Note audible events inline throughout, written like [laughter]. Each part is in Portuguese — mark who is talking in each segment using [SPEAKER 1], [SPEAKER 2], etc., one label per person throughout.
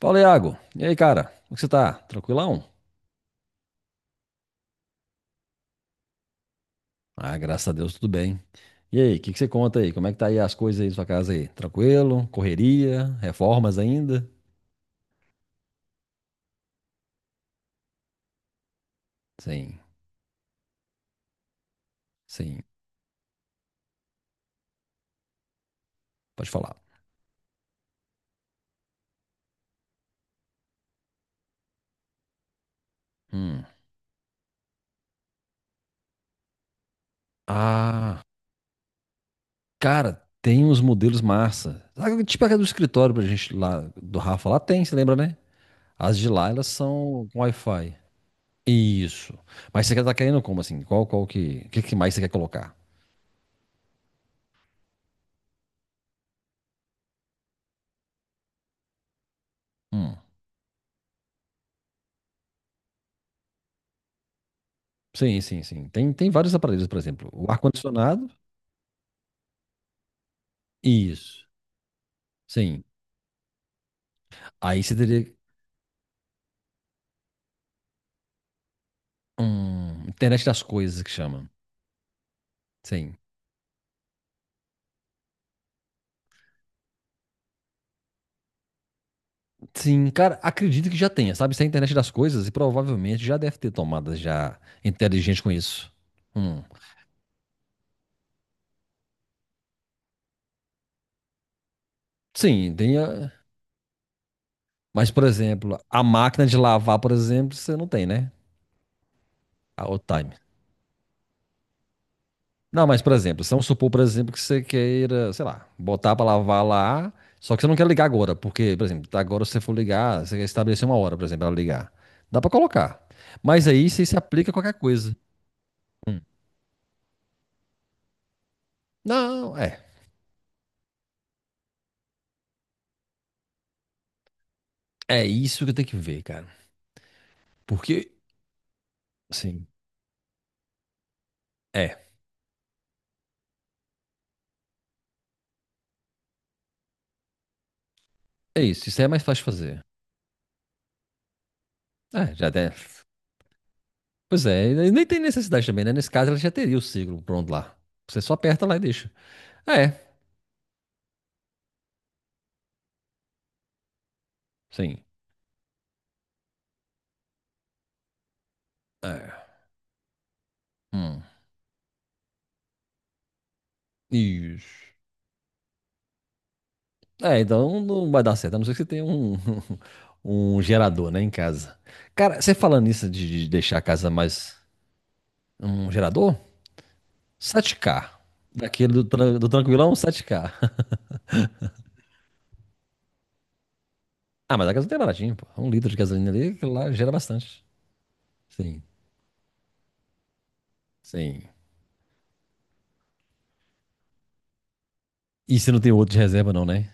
[SPEAKER 1] Fala, Iago. E aí, cara? Como que você tá? Tranquilão? Ah, graças a Deus, tudo bem. E aí, o que que você conta aí? Como é que tá aí as coisas aí na sua casa aí? Tranquilo? Correria? Reformas ainda? Sim, sim. Pode falar. Hum. Ah, cara, tem uns modelos massa. Sabe, tipo aquela do escritório pra gente lá, do Rafa, lá tem, você lembra, né? As de lá, elas são com Wi-Fi. Isso. Mas você quer tá querendo como assim? Qual, qual que mais você quer colocar? Hum. Sim, sim, sim. Tem vários aparelhos, por exemplo, o ar-condicionado, isso, sim. Aí você teria, internet das coisas que chama, sim. Sim, cara, acredito que já tenha, sabe? Se é a internet das coisas, e provavelmente já deve ter tomadas já inteligentes com isso. Hum. Sim, tem, mas por exemplo, a máquina de lavar, por exemplo, você não tem, né? A old time. Não, mas por exemplo, se vamos supor, por exemplo, que você queira, sei lá, botar para lavar lá, só que você não quer ligar agora, porque, por exemplo, tá agora se você for ligar, você quer estabelecer uma hora, por exemplo, para ligar. Dá para colocar. Mas aí você se aplica a qualquer coisa. Não, é. É isso que eu tenho que ver, cara. Porque, assim, é. É isso. Isso aí é mais fácil de fazer. É, já até. Pois é, e nem tem necessidade também, né? Nesse caso, ela já teria o ciclo pronto lá. Você só aperta lá e deixa. É, sim. É. Hum. Isso. É, então não vai dar certo, a não ser que você tenha um, [laughs] um gerador, né, em casa. Cara, você falando nisso de deixar a casa mais um gerador? 7K. Daquele do, do tranquilão, 7K. [laughs] Ah, mas a casa não tem baratinho, pô. Um litro de gasolina ali, aquilo lá gera bastante. Sim, sim. E se não tem outro de reserva, não, né?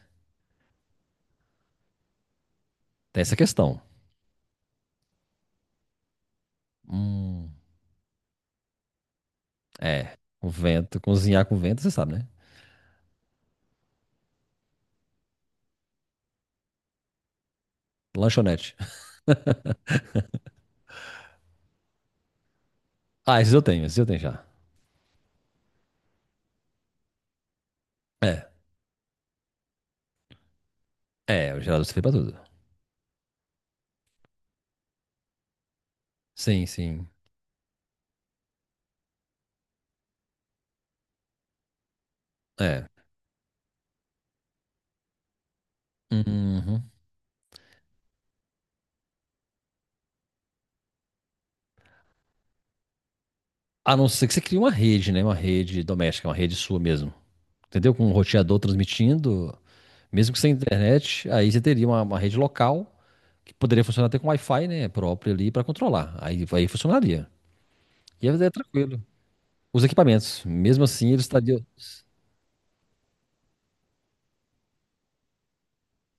[SPEAKER 1] Tem essa questão. Hum, é. Com vento, cozinhar com vento, você sabe, né? Lanchonete. [laughs] Ah, esses eu tenho já. É, é, o gerador serve pra tudo. Sim, sim. É. Uhum. A não ser que você crie uma rede, né? Uma rede doméstica, uma rede sua mesmo. Entendeu? Com um roteador transmitindo, mesmo que sem internet, aí você teria uma rede local que poderia funcionar até com Wi-Fi, né? Próprio ali para controlar. Aí funcionaria. E aí é tranquilo. Os equipamentos, mesmo assim, eles estariam.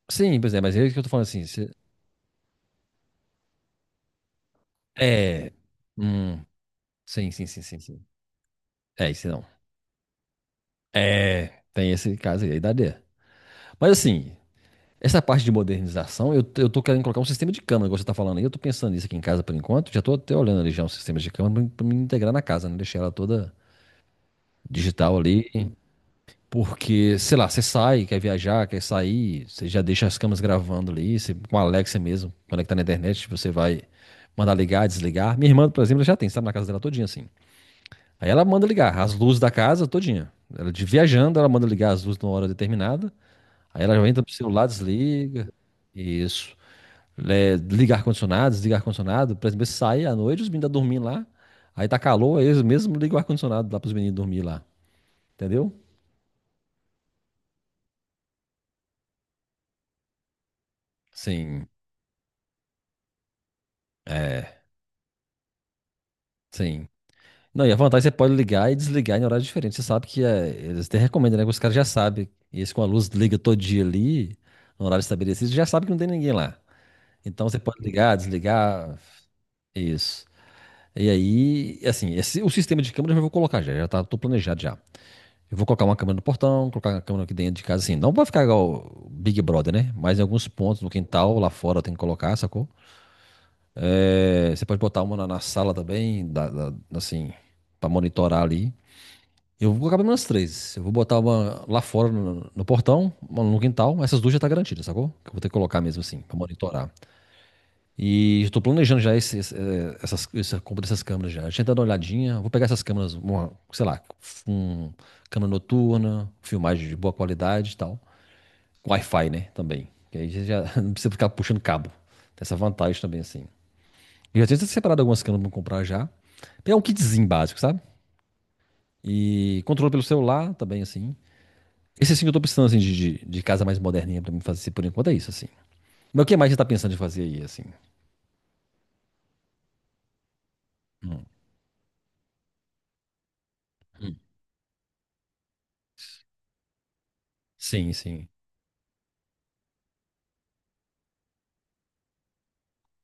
[SPEAKER 1] Sim, pois é, mas é isso que eu tô falando assim. Você. É. Hum, sim, sim, sim, sim, sim. É, isso não. É, tem esse caso aí, aí daria. Mas assim, essa parte de modernização, eu tô querendo colocar um sistema de câmera, igual você tá falando aí. Eu tô pensando nisso aqui em casa por enquanto. Já tô até olhando ali já um sistema de câmera pra me integrar na casa, né? Deixar ela toda digital ali. Porque, sei lá, você sai, quer viajar, quer sair, você já deixa as câmeras gravando ali, você, com a Alexa mesmo, conectar na internet, você vai mandar ligar, desligar. Minha irmã, por exemplo, ela já tem, sabe, na casa dela todinha assim. Aí ela manda ligar as luzes da casa todinha. Ela de viajando, ela manda ligar as luzes numa hora determinada. Aí ela já entra pro celular, desliga. Isso é, ligar ar-condicionado, desligar ar-condicionado. Por exemplo, eles saem à noite, os meninos estão dormindo lá. Aí tá calor, aí eles mesmo ligam o ar-condicionado lá para os meninos dormir lá. Entendeu? Sim, é, sim. Não, e a vantagem é que você pode ligar e desligar em horários diferentes. Você sabe que é, eles até recomendam, né? Que os caras já sabem. E eles com a luz liga todo dia ali, no horário estabelecido, já sabe que não tem ninguém lá. Então você pode ligar, desligar, isso. E aí, assim, esse, o sistema de câmera eu já vou colocar já, já tá, tô planejado já. Eu vou colocar uma câmera no portão, colocar uma câmera aqui dentro de casa, assim. Não vai ficar igual o Big Brother, né? Mas em alguns pontos, no quintal, lá fora, tem que colocar, sacou? É, você pode botar uma na, na sala também, assim, pra monitorar ali. Eu vou colocar pelo menos três. Eu vou botar uma lá fora no, no portão, uma no quintal. Essas duas já tá garantidas, sacou? Que eu vou ter que colocar mesmo assim, pra monitorar. E estou planejando já essa compra dessas câmeras já. Deixa eu dar uma olhadinha. Vou pegar essas câmeras, uma, sei lá, um, câmera noturna, filmagem de boa qualidade e tal. Com Wi-Fi, né? Também. Que aí você já [laughs] não precisa ficar puxando cabo. Tem essa vantagem também, assim. Eu já tinha separado algumas câmeras pra comprar já. Pegar um kitzinho básico, sabe? E controle pelo celular também, assim. Esse assim que eu tô precisando, assim, de casa mais moderninha pra mim fazer por enquanto é isso, assim. Mas o que mais você tá pensando em fazer aí, assim? Hum. Sim, sim.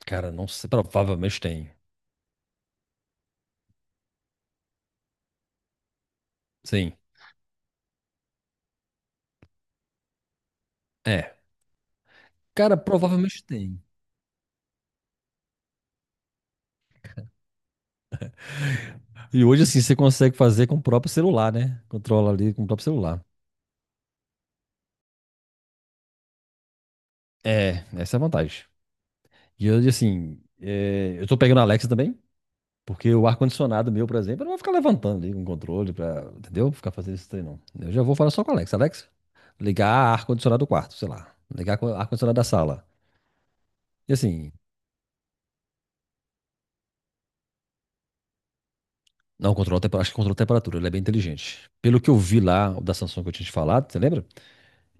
[SPEAKER 1] Cara, não sei. Provavelmente tem. Sim. É. Cara, provavelmente tem. E hoje, assim, você consegue fazer com o próprio celular, né? Controla ali com o próprio celular. É, essa é a vantagem. E eu, assim, é, eu tô pegando a Alexa também, porque o ar-condicionado meu, por exemplo, eu não vou ficar levantando ali com o controle pra, entendeu? Ficar fazendo esse trem, não. Eu já vou falar só com a Alexa. Alexa, ligar ar-condicionado do quarto, sei lá. Ligar ar-condicionado da sala. E assim, não, controla, acho que controla a temperatura, ele é bem inteligente. Pelo que eu vi lá, o da Samsung que eu tinha te falado, você lembra?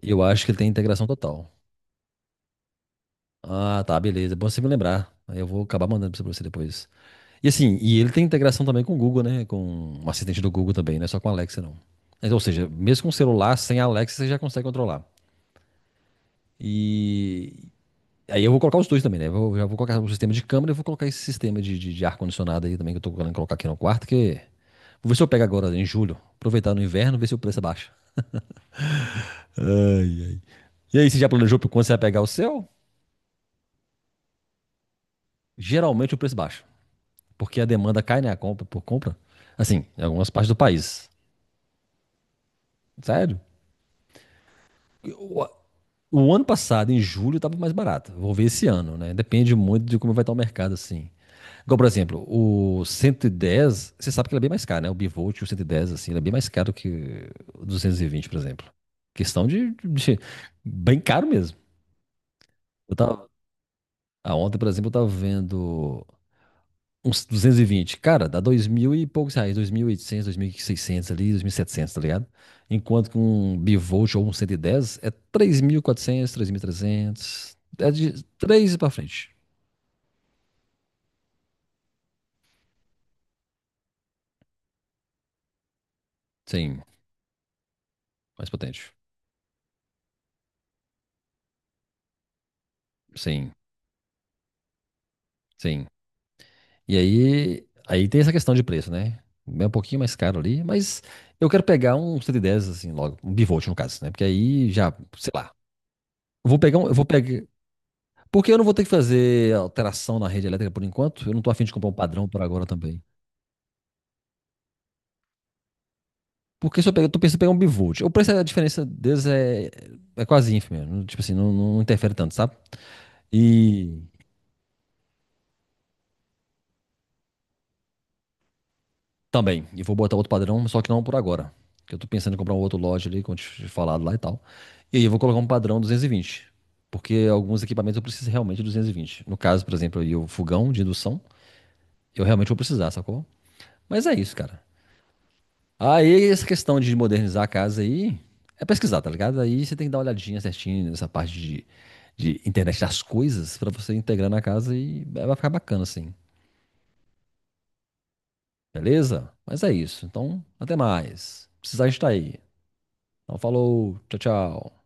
[SPEAKER 1] Eu acho que ele tem integração total. Ah, tá, beleza. É bom você me lembrar. Aí eu vou acabar mandando pra você depois. E assim, e ele tem integração também com o Google, né? Com o assistente do Google também, não é só com a Alexa, não. Mas, ou seja, mesmo com o celular, sem a Alexa, você já consegue controlar. E aí eu vou colocar os dois também, né? Já vou colocar o sistema de câmera e vou colocar esse sistema de ar-condicionado aí também, que eu tô querendo colocar aqui no quarto, que... Vou ver se eu pego agora em julho. Aproveitar no inverno, ver se o preço é baixo. Ai, ai. E aí, você já planejou pra quando você vai pegar o seu? Geralmente o preço baixa. Porque a demanda cai, né? A compra por compra. Assim, em algumas partes do país. Sério. O, o ano passado, em julho, estava mais barato. Vou ver esse ano, né? Depende muito de como vai estar o mercado, assim. Igual, por exemplo, o 110 você sabe que ele é bem mais caro, né? O bivolt, o 110 assim, ele é bem mais caro que o 220 por exemplo. Questão bem caro mesmo. Eu tava, ah, ontem, por exemplo, eu estava vendo uns 220. Cara, dá dois mil e poucos reais. 2.800, seiscentos ali, 2.700, tá ligado? Enquanto que um bivolt ou um 110 é 3.400, trezentos. É de 3 pra frente. Sim, mais potente. Sim, sim. E aí, aí tem essa questão de preço, né? É um pouquinho mais caro ali, mas eu quero pegar um 110 assim logo, um bivolt no caso, né? Porque aí já, sei lá. Eu vou pegar um, eu vou pegar, porque eu não vou ter que fazer alteração na rede elétrica por enquanto. Eu não tô afim de comprar um padrão por agora também. Porque se eu pegar, eu tô pensando em pegar um bivolt. O preço, a diferença deles é, é quase ínfima. Tipo assim, não, não interfere tanto, sabe? E também, e vou botar outro padrão, só que não por agora. Que eu tô pensando em comprar um outro lote ali, como eu tinha te falado lá e tal. E aí eu vou colocar um padrão 220. Porque alguns equipamentos eu preciso realmente de 220. No caso, por exemplo, aí o fogão de indução, eu realmente vou precisar, sacou? Mas é isso, cara. Aí, essa questão de modernizar a casa aí, é pesquisar, tá ligado? Aí você tem que dar uma olhadinha certinho nessa parte de internet das coisas pra você integrar na casa e é, vai ficar bacana assim, beleza? Mas é isso. Então, até mais. Precisar estar aí. Então, falou, tchau, tchau.